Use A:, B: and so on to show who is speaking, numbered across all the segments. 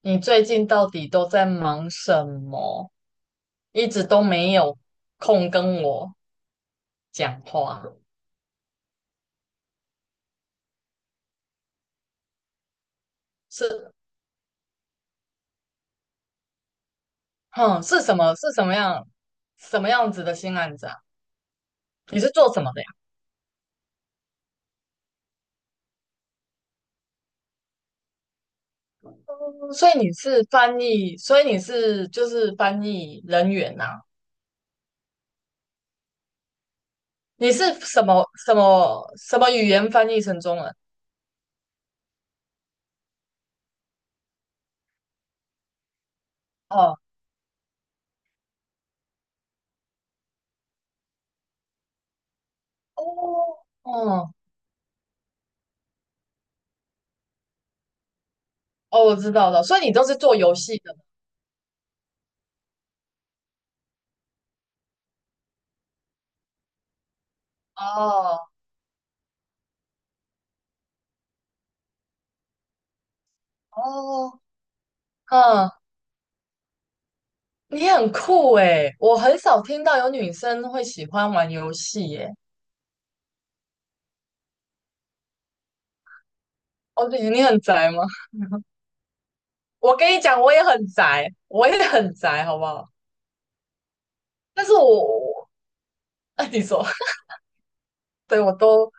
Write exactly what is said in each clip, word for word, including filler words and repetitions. A: 你最近到底都在忙什么？一直都没有空跟我讲话。是。哼，是什么？是什么样？什么样子的新案子啊？你是做什么的呀？嗯，所以你是翻译，所以你是就是翻译人员呐、你是什么什么什么语言翻译成中文？哦哦哦哦，我知道了，所以你都是做游戏的吗？哦哦。嗯，你很酷诶，我很少听到有女生会喜欢玩游戏耶。哦，对，你很宅吗？我跟你讲，我也很宅，我也很宅，好不好？但是我，我哎，你说，对，我都，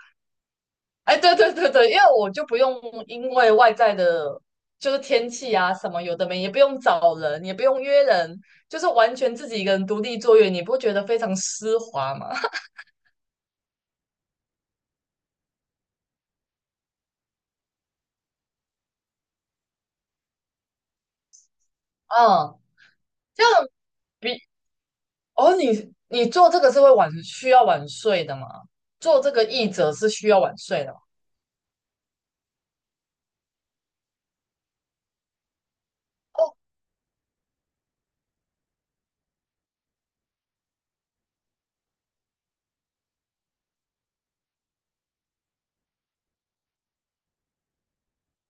A: 哎，对对对对，因为我就不用因为外在的，就是天气啊什么有的没，也不用找人，也不用约人，就是完全自己一个人独立作业，你不觉得非常丝滑吗？嗯。哦，你你做这个是会晚需要晚睡的吗？做这个译者是需要晚睡的吗？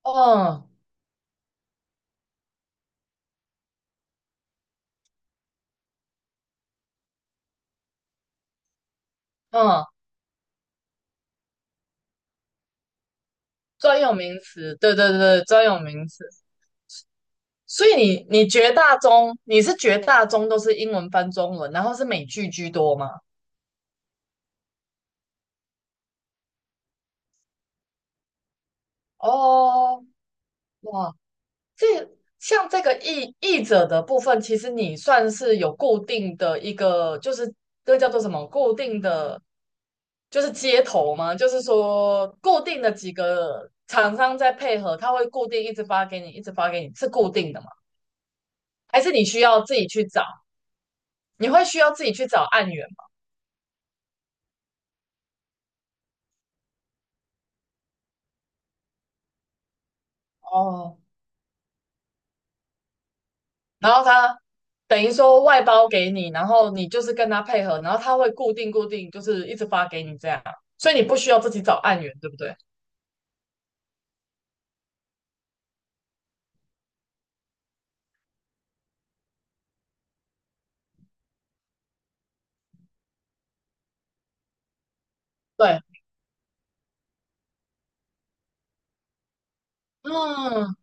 A: 哦。嗯，专有名词，对对对，对专有名词。所以你你绝大中，你是绝大中都是英文翻中文，然后是美剧居多吗？哦。哇，这像这个译译者的部分，其实你算是有固定的一个，就是这个叫做什么固定的就是接头吗？就是说固定的几个厂商在配合，他会固定一直发给你，一直发给你，是固定的吗？还是你需要自己去找？你会需要自己去找案源吗？哦，然后他等于说外包给你，然后你就是跟他配合，然后他会固定固定，就是一直发给你这样，所以你不需要自己找案源，对不对？对。嗯，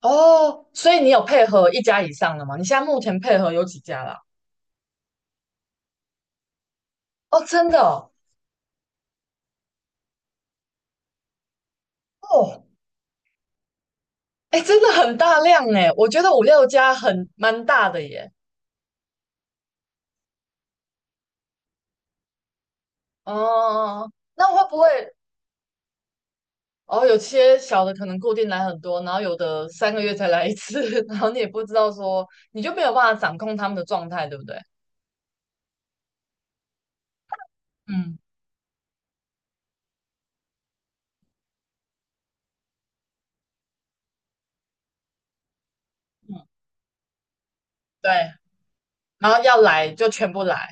A: 哦，所以你有配合一家以上的吗？你现在目前配合有几家啦？哦，真的哦，哦，哎，真的很大量哎，我觉得五六家很蛮大的耶。哦，那会不会哦？有些小的可能固定来很多，然后有的三个月才来一次，然后你也不知道说，你就没有办法掌控他们的状态，对不对？嗯嗯，对。然后要来就全部来，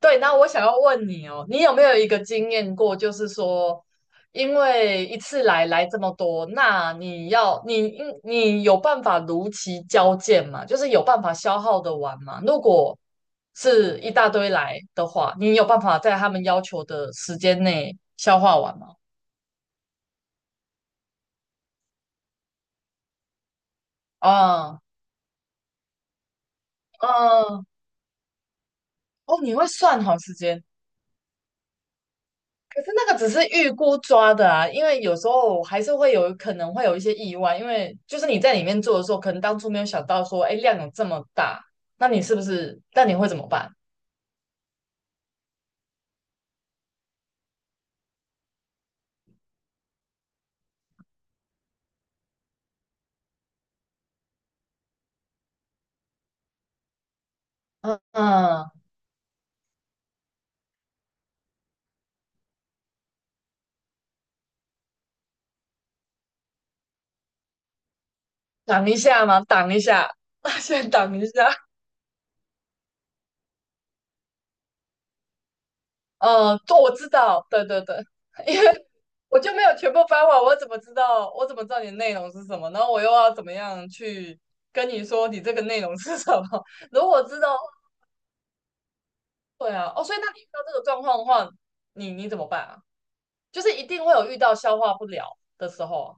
A: 对。那我想要问你哦，你有没有一个经验过，就是说，因为一次来来这么多，那你要你应你有办法如期交件吗？就是有办法消耗的完吗？如果是一大堆来的话，你有办法在他们要求的时间内消化完吗？啊。嗯，哦，你会算好时间。可是那个只是预估抓的啊，因为有时候还是会有可能会有一些意外，因为就是你在里面做的时候，可能当初没有想到说，哎，量有这么大，那你是不是？那你会怎么办？嗯嗯，挡一下吗？挡一下，先挡一下。嗯，做我知道，对对对。因为我就没有全部发完，我怎么知道？我怎么知道你的内容是什么？然后我又要怎么样去跟你说你这个内容是什么？如果知道对啊。哦，所以那你遇到这个状况的话，你你怎么办啊？就是一定会有遇到消化不了的时候啊。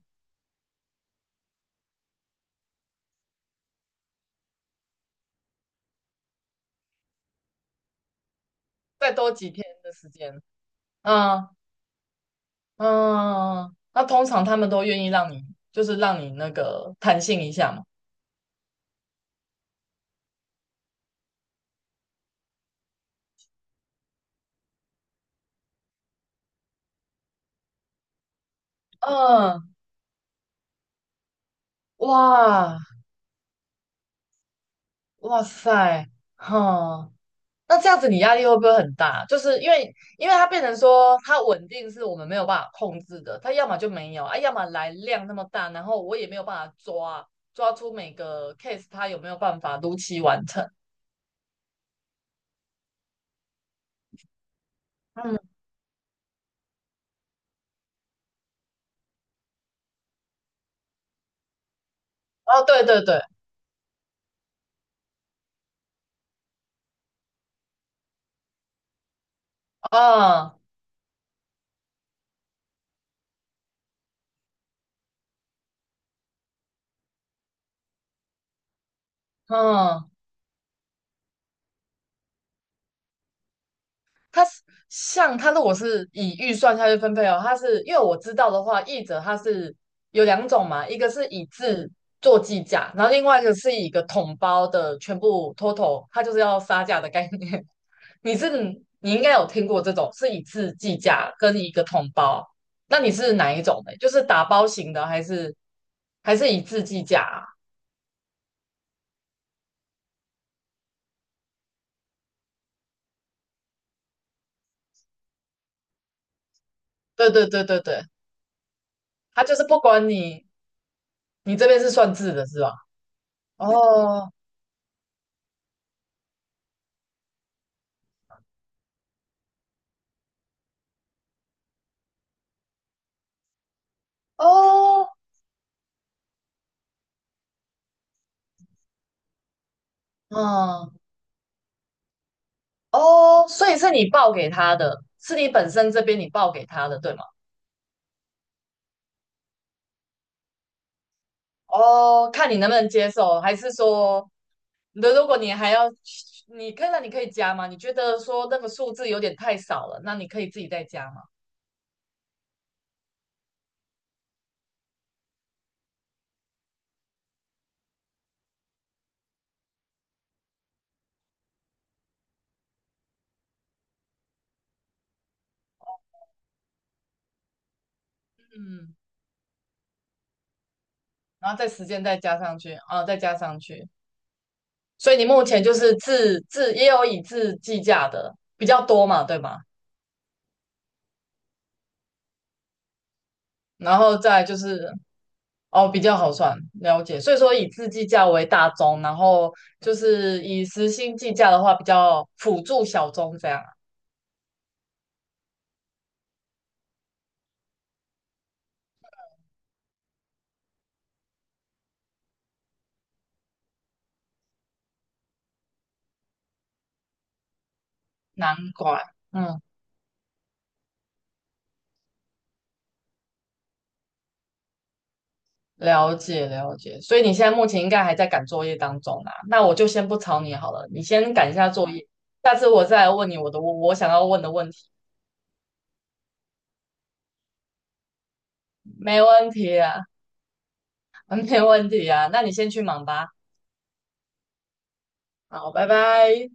A: 再多几天的时间。嗯嗯，那通常他们都愿意让你，就是让你那个弹性一下嘛。嗯，哇，哇塞，哈、那这样子你压力会不会很大？就是因为，因为它变成说它稳定是我们没有办法控制的，它要么就没有啊，要么来量那么大，然后我也没有办法抓抓出每个 case 它有没有办法如期完成。嗯，哦，对对对，啊。嗯，它是像它如果是以预算下去分配哦，它是因为我知道的话，译者它是有两种嘛，一个是以字做计价，然后另外一个是以一个统包的全部 total，它就是要杀价的概念。你是你应该有听过这种是以字计价跟一个统包，那你是哪一种的？就是打包型的，还是还是以字计价啊？对对对对对，他就是不管你，你这边是算字的是吧？哦哦，嗯，哦，所以是你报给他的，是你本身这边你报给他的，对吗？哦，看你能不能接受，还是说那如果你还要，你看到你可以加吗？你觉得说那个数字有点太少了，那你可以自己再加吗？嗯，然后再时间再加上去，啊，再加上去。所以你目前就是自自也有以自计价的比较多嘛，对吗？然后再就是哦，比较好算，了解。所以说以自计价为大宗，然后就是以时薪计价的话，比较辅助小宗这样啊。难怪。嗯。了解了解，所以你现在目前应该还在赶作业当中啊，那我就先不吵你好了，你先赶一下作业，下次我再来问你我的我我想要问的问题，没问题啊，没问题啊，那你先去忙吧，好，拜拜。